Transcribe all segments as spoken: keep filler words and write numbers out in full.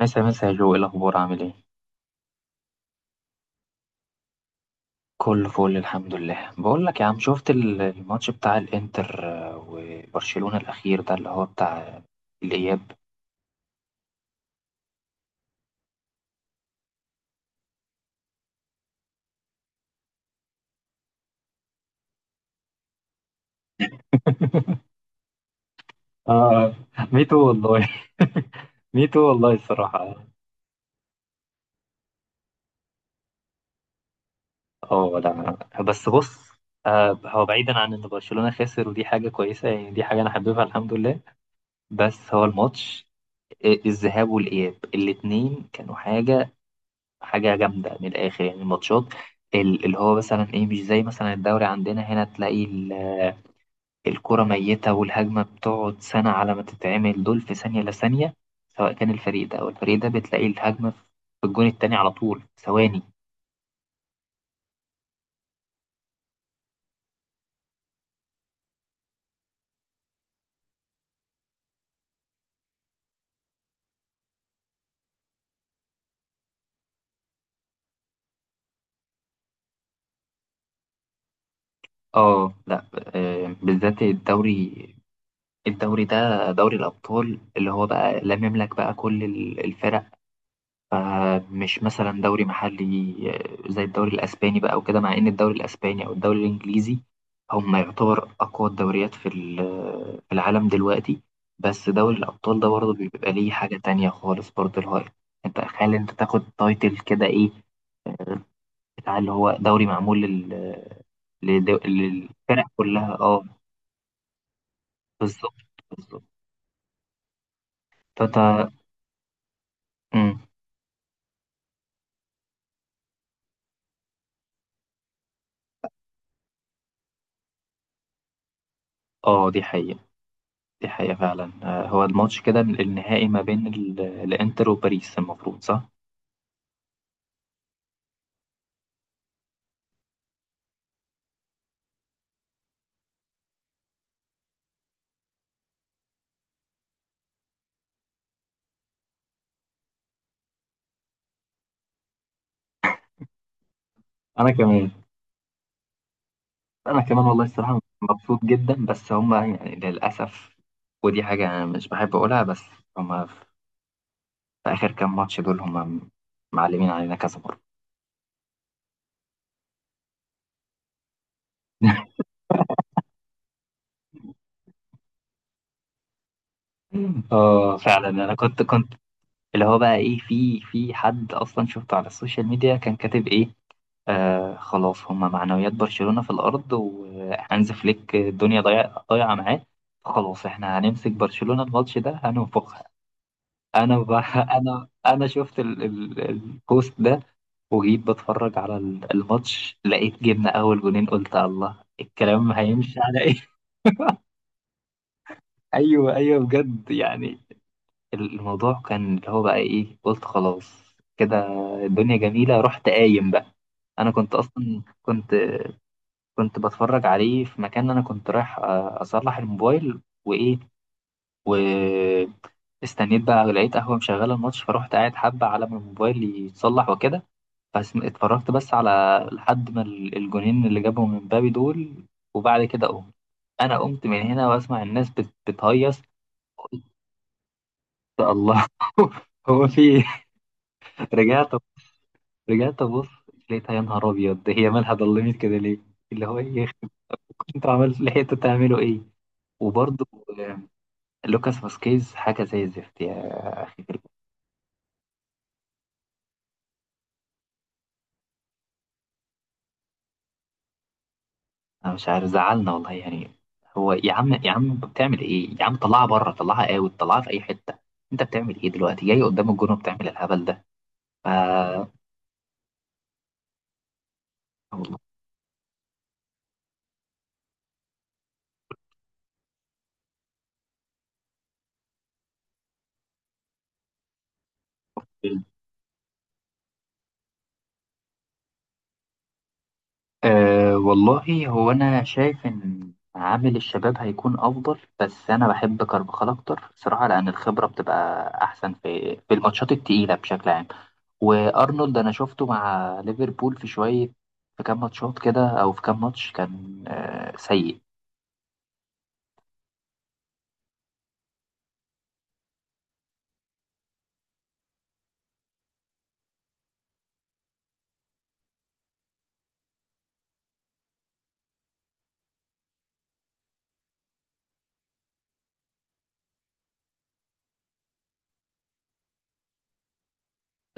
مسا مسا يا جو، إيه الاخبار؟ عامل ايه؟ كله فل الحمد لله. بقول لك يا عم، شفت ال- الماتش بتاع الانتر آه، وبرشلونة الاخير ده اللي هو بتاع الاياب. اه، ميتو والله. ميتو والله الصراحة. اه لا، بس بص، آه، هو بعيدا عن ان برشلونة خسر ودي حاجة كويسة، يعني دي حاجة انا حاببها الحمد لله. بس هو الماتش، آه، الذهاب والاياب الاتنين كانوا حاجة حاجة جامدة من الآخر، يعني الماتشات ال- اللي هو مثلا إيه، مش زي مثلا الدوري عندنا هنا، تلاقي ال- الكرة ميتة والهجمة بتقعد سنة على ما تتعمل، دول في ثانية لثانية، سواء كان الفريق ده أو الفريق ده، بتلاقي الهجمة في الجون التاني على طول، ثواني. اه لا، آه، بالذات الدوري. الدوري ده دوري الأبطال اللي هو بقى لمم لك بقى كل ال- الفرق، فمش مثلا دوري محلي آه، زي الدوري الاسباني بقى وكده. مع ان الدوري الاسباني او الدوري الانجليزي هم يعتبر اقوى الدوريات في ال- في العالم دلوقتي، بس دوري الابطال ده برضه بيبقى ليه حاجه تانية خالص، برضه الهاي. انت تخيل انت تاخد تايتل كده، ايه بتاع اللي هو دوري معمول لل... لد- للفرق كلها؟ اه، بالظبط، بالظبط. تاتا. مم. اه دي حقيقة، دي حقيقة فعلا. آه، هو الماتش كده النهائي ما بين ال- الانتر وباريس المفروض، صح؟ انا كمان، انا كمان والله الصراحه مبسوط جدا، بس هما يعني للاسف. ودي حاجه انا مش بحب اقولها، بس هما في اخر كام ماتش دول هما معلمين علينا كذا مره. اه فعلا. انا كنت كنت، اللي هو بقى ايه، في في حد اصلا شفته على السوشيال ميديا كان كاتب ايه: آه خلاص هما معنويات برشلونه في الارض، وهانز فليك الدنيا ضايع- ضايعه معاه، خلاص احنا هنمسك برشلونه الماتش ده هننفخ. انا ب... انا انا شفت ال... ال... البوست ده، وجيت بتفرج على ال- الماتش، لقيت جبنا اول جونين، قلت الله الكلام هيمشي على ايه. ايوه ايوه بجد يعني. الموضوع كان اللي هو بقى ايه، قلت خلاص كده الدنيا جميله، رحت قايم بقى. انا كنت اصلا كنت كنت بتفرج عليه في مكان، انا كنت رايح أ- اصلح الموبايل وايه، واستنيت بقى، لقيت قهوه مشغله الماتش فروحت قاعد حبه على ما الموبايل يتصلح وكده. بس اتفرجت بس على، لحد ما ال- الجونين اللي جابهم من مبابي دول. وبعد كده قمت، انا قمت من هنا واسمع الناس بت- بتهيص. يا الله. هو في إيه؟ رجعت، رجعت ابص لقيتها، يا نهار ابيض، ده هي مالها ضلمت كده ليه؟ اللي هو ايه، كنتوا عملت لحقتوا تعملوا ايه؟ وبرضه آه، لوكاس فاسكيز حاجه زي الزفت، يا انا مش عارف زعلنا والله يعني. هو يا عم، يا عم انت بتعمل ايه يا عم؟ طلعها بره، طلعها اوت، طلعها في اي حته، انت بتعمل ايه دلوقتي جاي قدام الجون وبتعمل الهبل ده؟ ف والله. أه والله، هو انا شايف ان عامل الشباب هيكون افضل، بس انا بحب كارفاخال اكتر صراحه، لان الخبره بتبقى احسن في في الماتشات التقيله بشكل عام. وارنولد انا شفته مع ليفربول في شويه، في كام ماتشات كده او في كام ماتش كان أه سيء.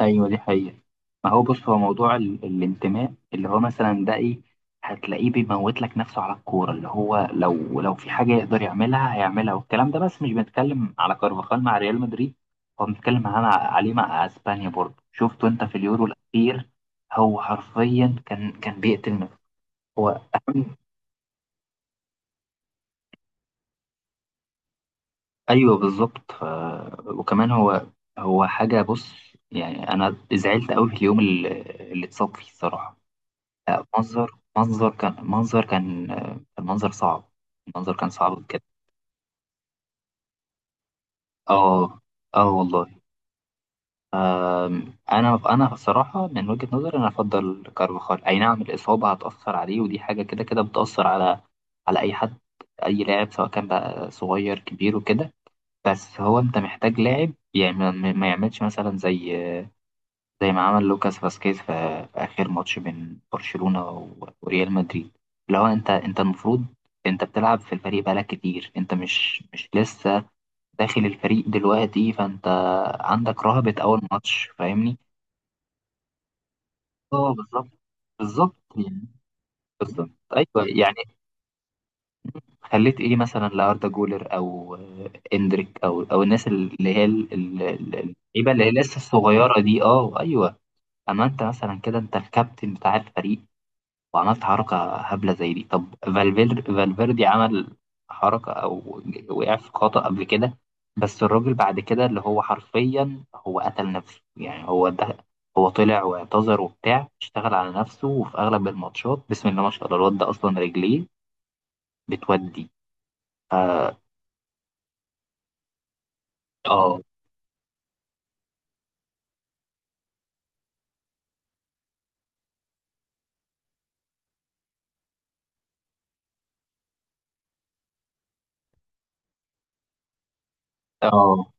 ايوه دي حقيقة. ما هو بص، هو موضوع ال... الانتماء اللي هو مثلا ده ايه، هتلاقيه بيموت لك نفسه على الكورة، اللي هو لو لو في حاجة يقدر يعملها هيعملها والكلام ده. بس مش بنتكلم على كارفاخال مع ريال مدريد، هو بنتكلم على... عليه مع اسبانيا، برضه شفته انت في اليورو الأخير، هو حرفيا كان كان بيقتل نفسه. هو ايوه بالظبط. ف... وكمان هو، هو حاجة، بص، يعني انا زعلت قوي في اليوم اللي، اللي اتصاب فيه الصراحة. لا، منظر، منظر كان، منظر كان، آه، المنظر صعب، المنظر كان صعب بجد. اه، اه والله. آم، انا انا بصراحه من وجهه نظري انا افضل كارفاخال. اي نعم الاصابه هتاثر عليه، ودي حاجه كده كده بتاثر على، على اي حد، اي لاعب، سواء كان بقى صغير كبير وكده. بس هو انت محتاج لاعب يعني ما ما- ما يعملش مثلا زي، زي ما عمل لوكاس فاسكيز في، في آخر ماتش بين برشلونة و- وريال مدريد. اللي هو أنت أنت المفروض، أنت بتلعب في الفريق بقالك كتير، أنت مش مش لسه داخل الفريق دلوقتي، فأنت عندك رهبة أول ماتش فاهمني؟ اه بالظبط، بالظبط يعني، بالظبط. أيوه يعني، خليت إيه مثلا لأردا جولر أو آه، إندريك أو أو الناس اللي هي ال- ال- ال- اللعيبة اللي هي لسه الصغيرة دي، أه أيوه. أما أنت مثلا كده أنت الكابتن بتاع الفريق، وعملت حركة هبلة زي دي. طب فالفير فالفيردي عمل حركة أو ج- وقع في خطأ قبل كده، بس الراجل بعد كده اللي هو حرفيا هو قتل نفسه يعني. هو ده، هو طلع واعتذر وبتاع، اشتغل على نفسه، وفي أغلب الماتشات بسم الله ما شاء الله الواد ده أصلا رجليه بتودي. اه، اه، آه،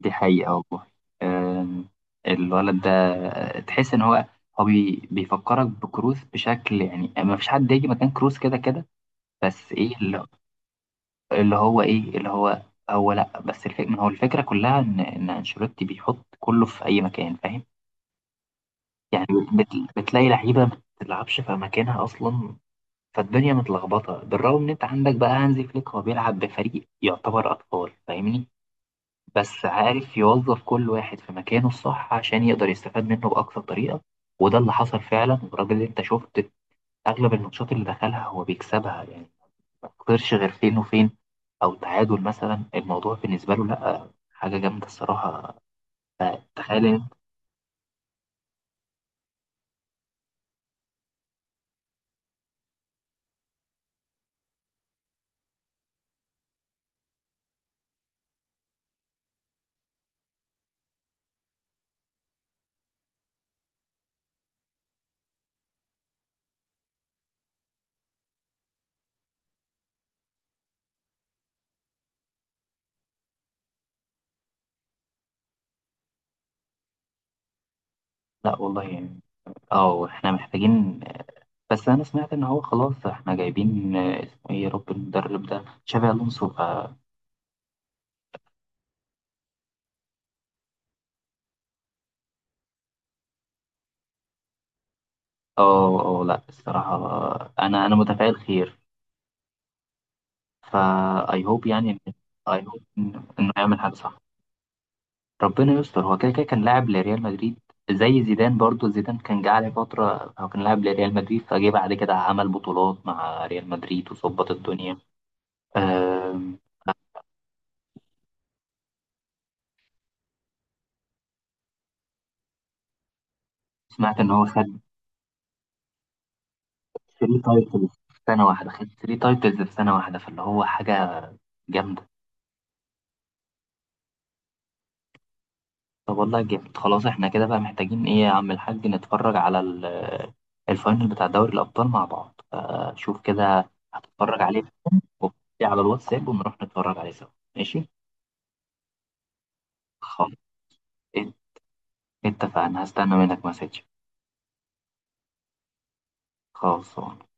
دي حقيقة والله. آم، الولد ده آه، تحس إن هو، هو بي- بيفكرك بكروس بشكل، يعني ما فيش حد يجي مكان كروس كده كده. بس ايه اللي، اللي هو ايه، اللي هو، هو لا بس الفك... ما هو الفكره كلها ان ان انشيلوتي بيحط كله في اي مكان فاهم، يعني بت... بتلاقي لعيبه ما بتلعبش في مكانها اصلا، فالدنيا متلخبطه. بالرغم ان انت عندك بقى هانزي فليك، هو بيلعب بفريق يعتبر اطفال فاهمني، بس عارف يوظف كل واحد في مكانه الصح عشان يقدر يستفاد منه باقصى طريقه، وده اللي حصل فعلا. والراجل اللي انت شفت اغلب الماتشات اللي دخلها هو بيكسبها يعني، ما تخسرش غير فين وفين او تعادل مثلا، الموضوع بالنسبه له لا، حاجه جامده الصراحه. تخيل إن- لا والله يعني. اه احنا محتاجين، بس انا سمعت ان هو خلاص احنا جايبين، آه، اسمه ايه يا رب المدرب ده، تشابي الونسو، ف اه. اه لا الصراحه، آه، انا انا متفائل خير. فا اي هوب يعني، اي هوب انه يعمل حاجه صح. ربنا يستر، هو كده كده كان لاعب لريال مدريد، زي زيدان برضو، زيدان كان جه عليه فترة هو كان لاعب لريال مدريد، فجه بعد كده عمل بطولات مع ريال مدريد وظبط الدنيا. آم، سمعت إن هو خد ثلاث تايتلز في سنة واحدة، خد ثلاث تايتلز في سنة واحدة، فاللي هو حاجة جامدة. طب والله جامد. خلاص احنا كده بقى محتاجين ايه يا عم الحاج، نتفرج على ال- الفاينل بتاع دوري الأبطال مع بعض، فشوف كده هتتفرج عليه على الواتساب ونروح نتفرج عليه سوا، ماشي؟ خلاص، اتفقنا، هستنى منك مسج. خلاص.